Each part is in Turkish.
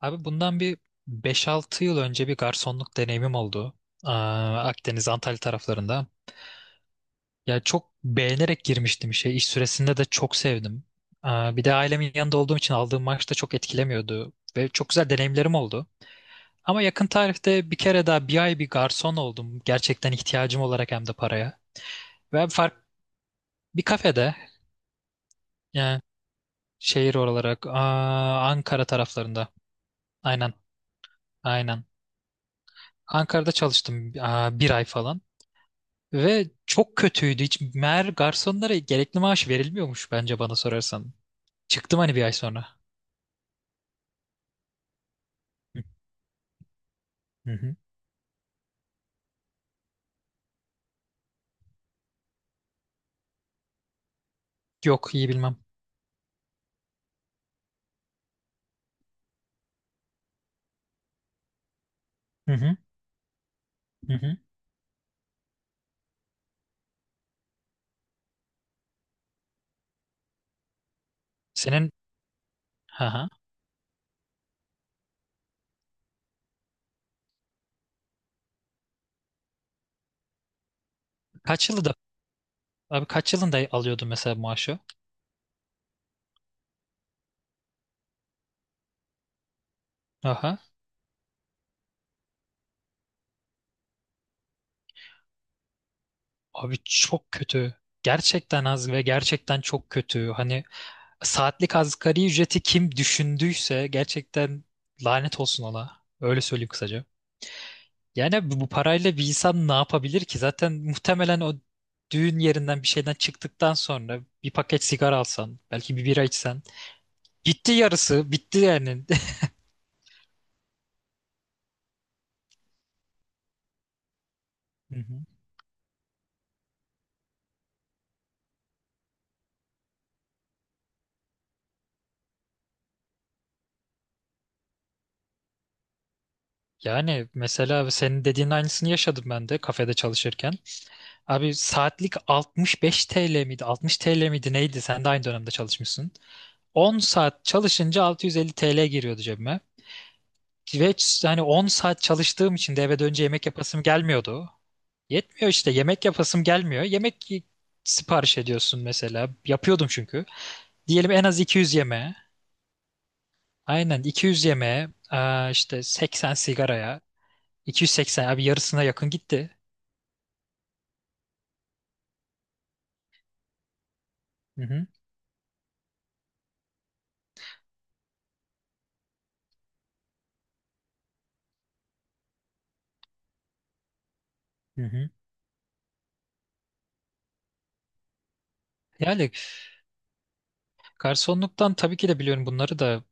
Abi bundan bir beş altı yıl önce bir garsonluk deneyimim oldu. Akdeniz, Antalya taraflarında. Ya çok beğenerek girmiştim işe. İş süresinde de çok sevdim. Bir de ailemin yanında olduğum için aldığım maaş da çok etkilemiyordu. Ve çok güzel deneyimlerim oldu. Ama yakın tarihte bir kere daha bir ay bir garson oldum. Gerçekten ihtiyacım olarak hem de paraya. Ve abi fark Bir kafede. Yani şehir olarak Ankara taraflarında. Aynen, aynen. Ankara'da çalıştım bir ay falan. Ve çok kötüydü. Hiç meğer garsonlara gerekli maaş verilmiyormuş, bence bana sorarsan. Çıktım, hani, bir ay sonra. Hı hı. Yok, iyi bilmem. Hı hı. Hı hı. Senin ha ha. Kaç yılda Abi kaç yılında alıyordun mesela maaşı? Aha. Abi çok kötü. Gerçekten az ve gerçekten çok kötü. Hani saatlik asgari ücreti kim düşündüyse gerçekten lanet olsun ona. Öyle söyleyeyim kısaca. Yani bu parayla bir insan ne yapabilir ki? Zaten muhtemelen o düğün yerinden bir şeyden çıktıktan sonra bir paket sigara alsan, belki bir bira içsen. Gitti yarısı, bitti yani. Hı hı. Yani mesela senin dediğin aynısını yaşadım ben de kafede çalışırken. Abi saatlik 65 TL miydi, 60 TL miydi neydi? Sen de aynı dönemde çalışmışsın. 10 saat çalışınca 650 TL giriyordu cebime. Hani 10 saat çalıştığım için de eve dönünce yemek yapasım gelmiyordu. Yetmiyor işte, yemek yapasım gelmiyor. Sipariş ediyorsun mesela. Yapıyordum çünkü. Diyelim en az 200 yemeğe. Aynen, 200 yemeğe, işte 80 sigaraya. 280, abi yarısına yakın gitti. Hı hı, hı hı. Yani garsonluktan tabii ki de biliyorum bunları da.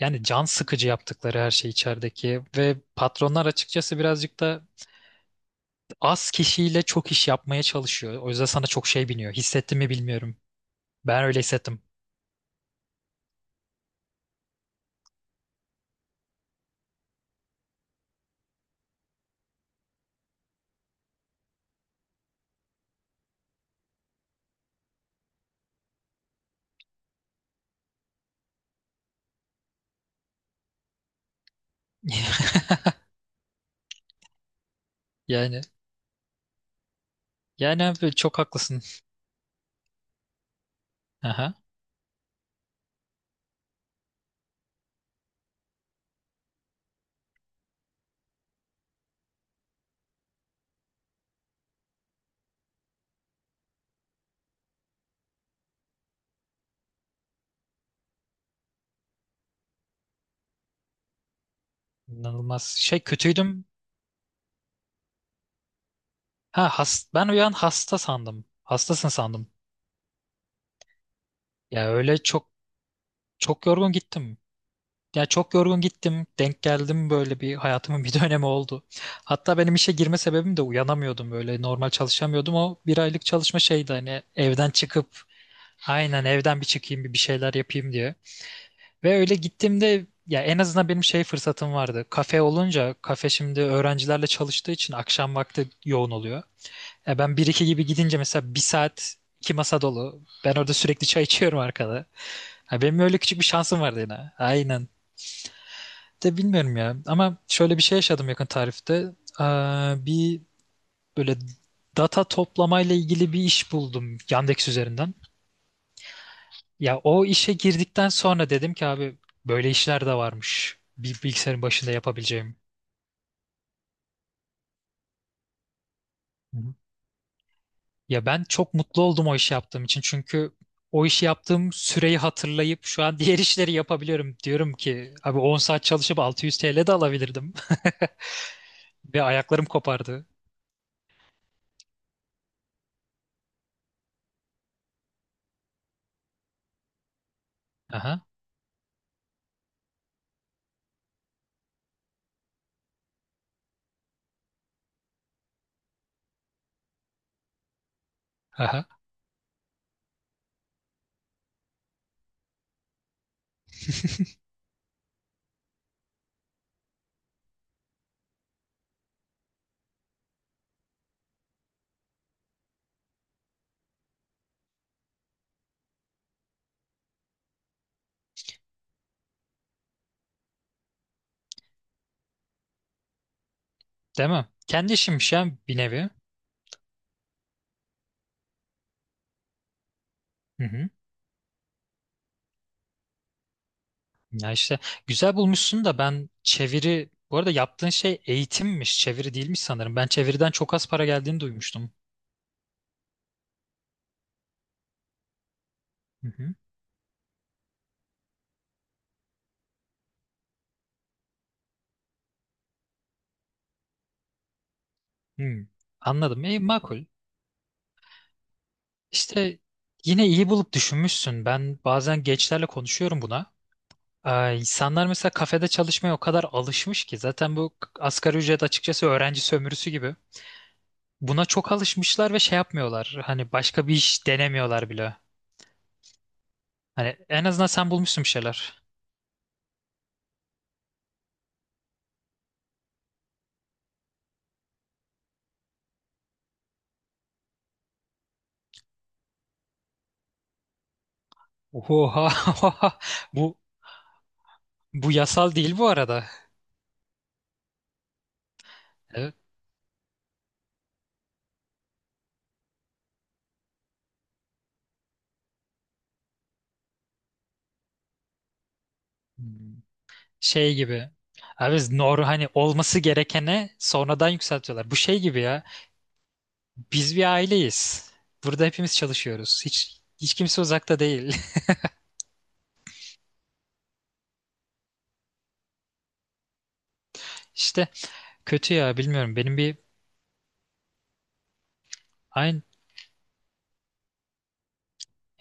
Yani can sıkıcı yaptıkları her şey içerideki ve patronlar, açıkçası, birazcık da az kişiyle çok iş yapmaya çalışıyor. O yüzden sana çok şey biniyor. Hissettin mi bilmiyorum. Ben öyle hissettim. Yani yani abi çok haklısın. Aha, inanılmaz. Şey, kötüydüm. Ben uyan hasta sandım. Hastasın sandım. Ya öyle çok, çok yorgun gittim. Ya çok yorgun gittim. Denk geldim, böyle bir hayatımın bir dönemi oldu. Hatta benim işe girme sebebim de uyanamıyordum, böyle normal çalışamıyordum. O bir aylık çalışma şeydi, hani evden çıkıp, aynen, evden bir çıkayım, bir şeyler yapayım diye. Ve öyle gittiğimde ya en azından benim şey fırsatım vardı. Kafe olunca, kafe, şimdi öğrencilerle çalıştığı için akşam vakti yoğun oluyor. E ben bir iki gibi gidince mesela bir saat iki masa dolu. Ben orada sürekli çay içiyorum arkada. Ha, benim öyle küçük bir şansım vardı yine. Aynen, de bilmiyorum ya. Ama şöyle bir şey yaşadım yakın tarihte. Ee, Bir böyle data toplamayla ilgili bir iş buldum Yandex üzerinden. Ya o işe girdikten sonra dedim ki abi, böyle işler de varmış. Bir bilgisayarın başında yapabileceğim. Hı hı. Ya ben çok mutlu oldum o işi yaptığım için. Çünkü o işi yaptığım süreyi hatırlayıp şu an diğer işleri yapabiliyorum. Diyorum ki abi, 10 saat çalışıp 600 TL de alabilirdim. Ve ayaklarım kopardı. Aha. Aha. Değil mi? Kendi işimmiş ya, bir nevi. Hı hı. Ya işte güzel bulmuşsun da, ben çeviri, bu arada yaptığın şey eğitimmiş, çeviri değilmiş sanırım. Ben çeviriden çok az para geldiğini duymuştum. Hı hı. Hı. Anladım. E, makul. İşte, yine iyi bulup düşünmüşsün. Ben bazen gençlerle konuşuyorum buna. İnsanlar mesela kafede çalışmaya o kadar alışmış ki, zaten bu asgari ücret açıkçası öğrenci sömürüsü gibi. Buna çok alışmışlar ve şey yapmıyorlar. Hani başka bir iş denemiyorlar bile. Hani en azından sen bulmuşsun bir şeyler. Oha. Bu Bu yasal değil bu arada. Evet. Hmm. Şey gibi. Abi biz nor, hani olması gerekene sonradan yükseltiyorlar. Bu şey gibi ya. Biz bir aileyiz. Burada hepimiz çalışıyoruz. Hiç kimse uzakta değil. İşte kötü ya, bilmiyorum. Aynı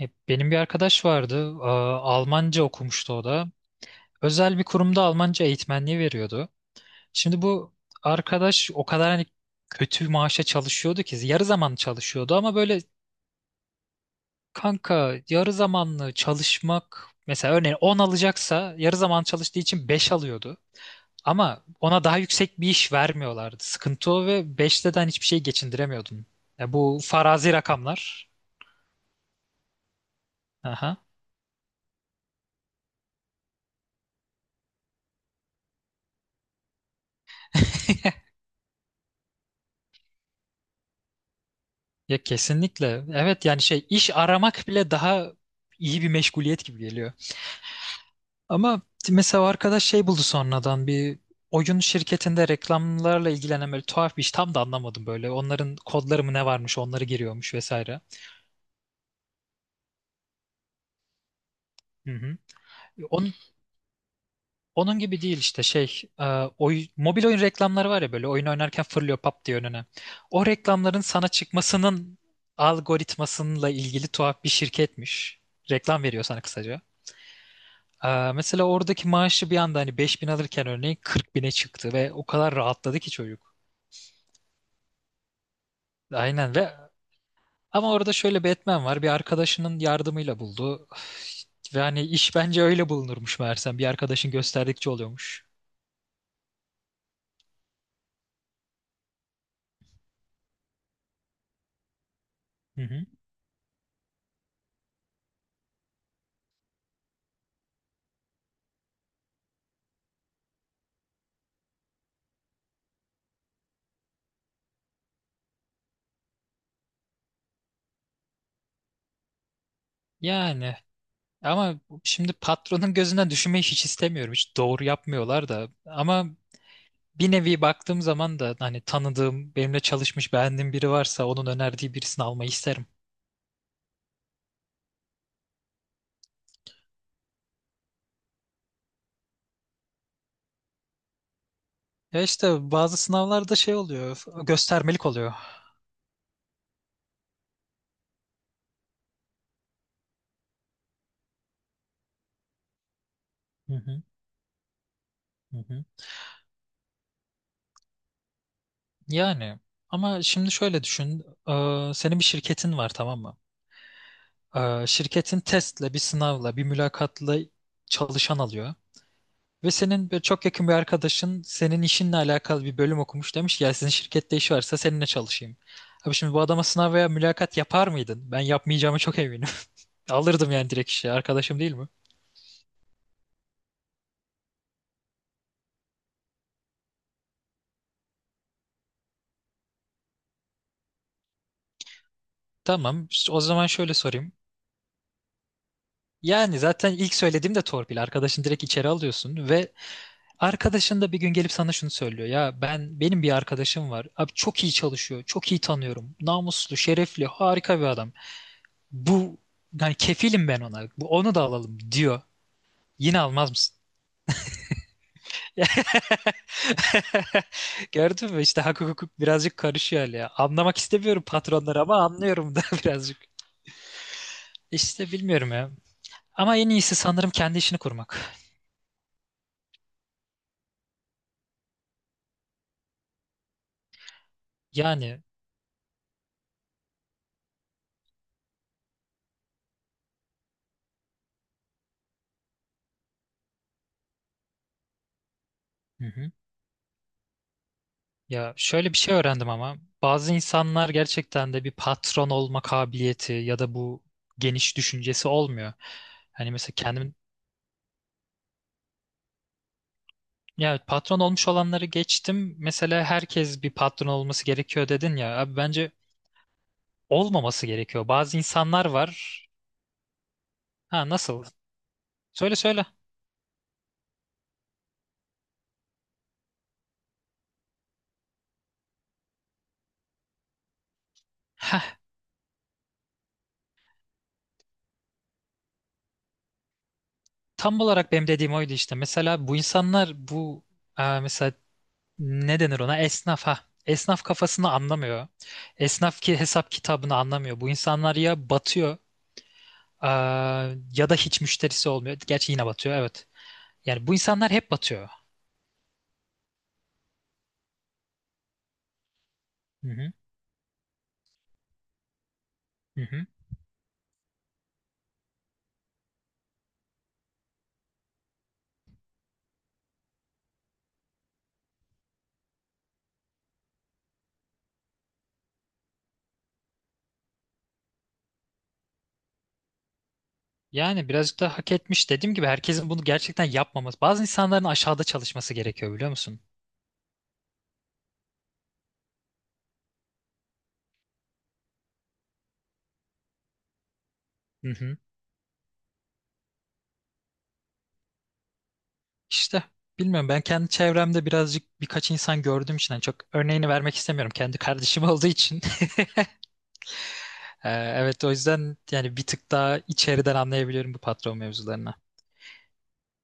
Benim bir arkadaş vardı. Almanca okumuştu o da. Özel bir kurumda Almanca eğitmenliği veriyordu. Şimdi bu arkadaş o kadar, hani, kötü maaşa çalışıyordu ki yarı zamanlı çalışıyordu, ama böyle, kanka, yarı zamanlı çalışmak mesela, örneğin 10 alacaksa yarı zaman çalıştığı için 5 alıyordu. Ama ona daha yüksek bir iş vermiyorlardı. Sıkıntı o ve 5'te de hani hiçbir şey geçindiremiyordun. Ya bu farazi rakamlar. Aha. Ya kesinlikle. Evet, yani şey, iş aramak bile daha iyi bir meşguliyet gibi geliyor. Ama mesela o arkadaş şey buldu sonradan, bir oyun şirketinde reklamlarla ilgilenen böyle tuhaf bir iş, tam da anlamadım böyle. Onların kodları mı ne varmış, onları giriyormuş vesaire. Hı hı. Onun, onun gibi değil işte şey, mobil oyun reklamları var ya, böyle oyun oynarken fırlıyor pap diye önüne. O reklamların sana çıkmasının algoritmasıyla ilgili tuhaf bir şirketmiş. Reklam veriyor sana, kısaca. E, mesela oradaki maaşı bir anda, hani, 5.000 alırken örneğin 40.000'e çıktı ve o kadar rahatladı ki çocuk. Aynen. Ama orada şöyle Batman var. Bir arkadaşının yardımıyla buldu. Ve hani iş bence öyle bulunurmuş meğersem. Bir arkadaşın gösterdikçe oluyormuş. Hı hı. Yani ama şimdi patronun gözünden düşünmeyi hiç istemiyorum. Hiç doğru yapmıyorlar da. Ama bir nevi baktığım zaman da, hani, tanıdığım, benimle çalışmış, beğendiğim biri varsa onun önerdiği birisini almayı isterim. Ya işte bazı sınavlarda şey oluyor, göstermelik oluyor. Hı hı, hı hı. Yani ama şimdi şöyle düşün. Senin bir şirketin var, tamam mı? Şirketin testle, bir sınavla, bir mülakatla çalışan alıyor. Ve senin böyle çok yakın bir arkadaşın senin işinle alakalı bir bölüm okumuş, demiş ki ya, sizin şirkette iş varsa seninle çalışayım. Abi şimdi bu adama sınav veya mülakat yapar mıydın? Ben yapmayacağıma çok eminim. Alırdım yani direkt işe. Arkadaşım değil mi? Tamam. İşte o zaman şöyle sorayım. Yani zaten ilk söylediğim de torpil. Arkadaşın direkt içeri alıyorsun ve arkadaşın da bir gün gelip sana şunu söylüyor: ya ben, benim bir arkadaşım var. Abi çok iyi çalışıyor. Çok iyi tanıyorum. Namuslu, şerefli, harika bir adam. Bu Yani kefilim ben ona. Bu, onu da alalım diyor. Yine almaz mısın? Gördün mü işte, hak hukuk birazcık karışıyor hali ya. Anlamak istemiyorum patronları, ama anlıyorum da birazcık. İşte bilmiyorum ya. Ama en iyisi sanırım kendi işini kurmak. Yani, hı hı. Ya şöyle bir şey öğrendim ama, bazı insanlar gerçekten de bir patron olma kabiliyeti ya da bu geniş düşüncesi olmuyor. Hani mesela kendim, ya patron olmuş olanları geçtim. Mesela herkes bir patron olması gerekiyor dedin ya. Abi bence olmaması gerekiyor. Bazı insanlar var. Ha, nasıl? Söyle söyle. Heh, tam olarak benim dediğim oydu işte. Mesela bu insanlar, mesela, ne denir ona? Esnaf, ha. Esnaf kafasını anlamıyor. Esnaf ki hesap kitabını anlamıyor. Bu insanlar ya batıyor, ya da hiç müşterisi olmuyor. Gerçi yine batıyor, evet. Yani bu insanlar hep batıyor. Hı hı, hı hı. Yani birazcık da hak etmiş. Dediğim gibi, herkesin bunu gerçekten yapmaması. Bazı insanların aşağıda çalışması gerekiyor, biliyor musun? Hı hı. İşte bilmiyorum, ben kendi çevremde birazcık, birkaç insan gördüğüm için hani çok örneğini vermek istemiyorum. Kendi kardeşim olduğu için. Ee, evet, o yüzden yani bir tık daha içeriden anlayabiliyorum bu patron mevzularını.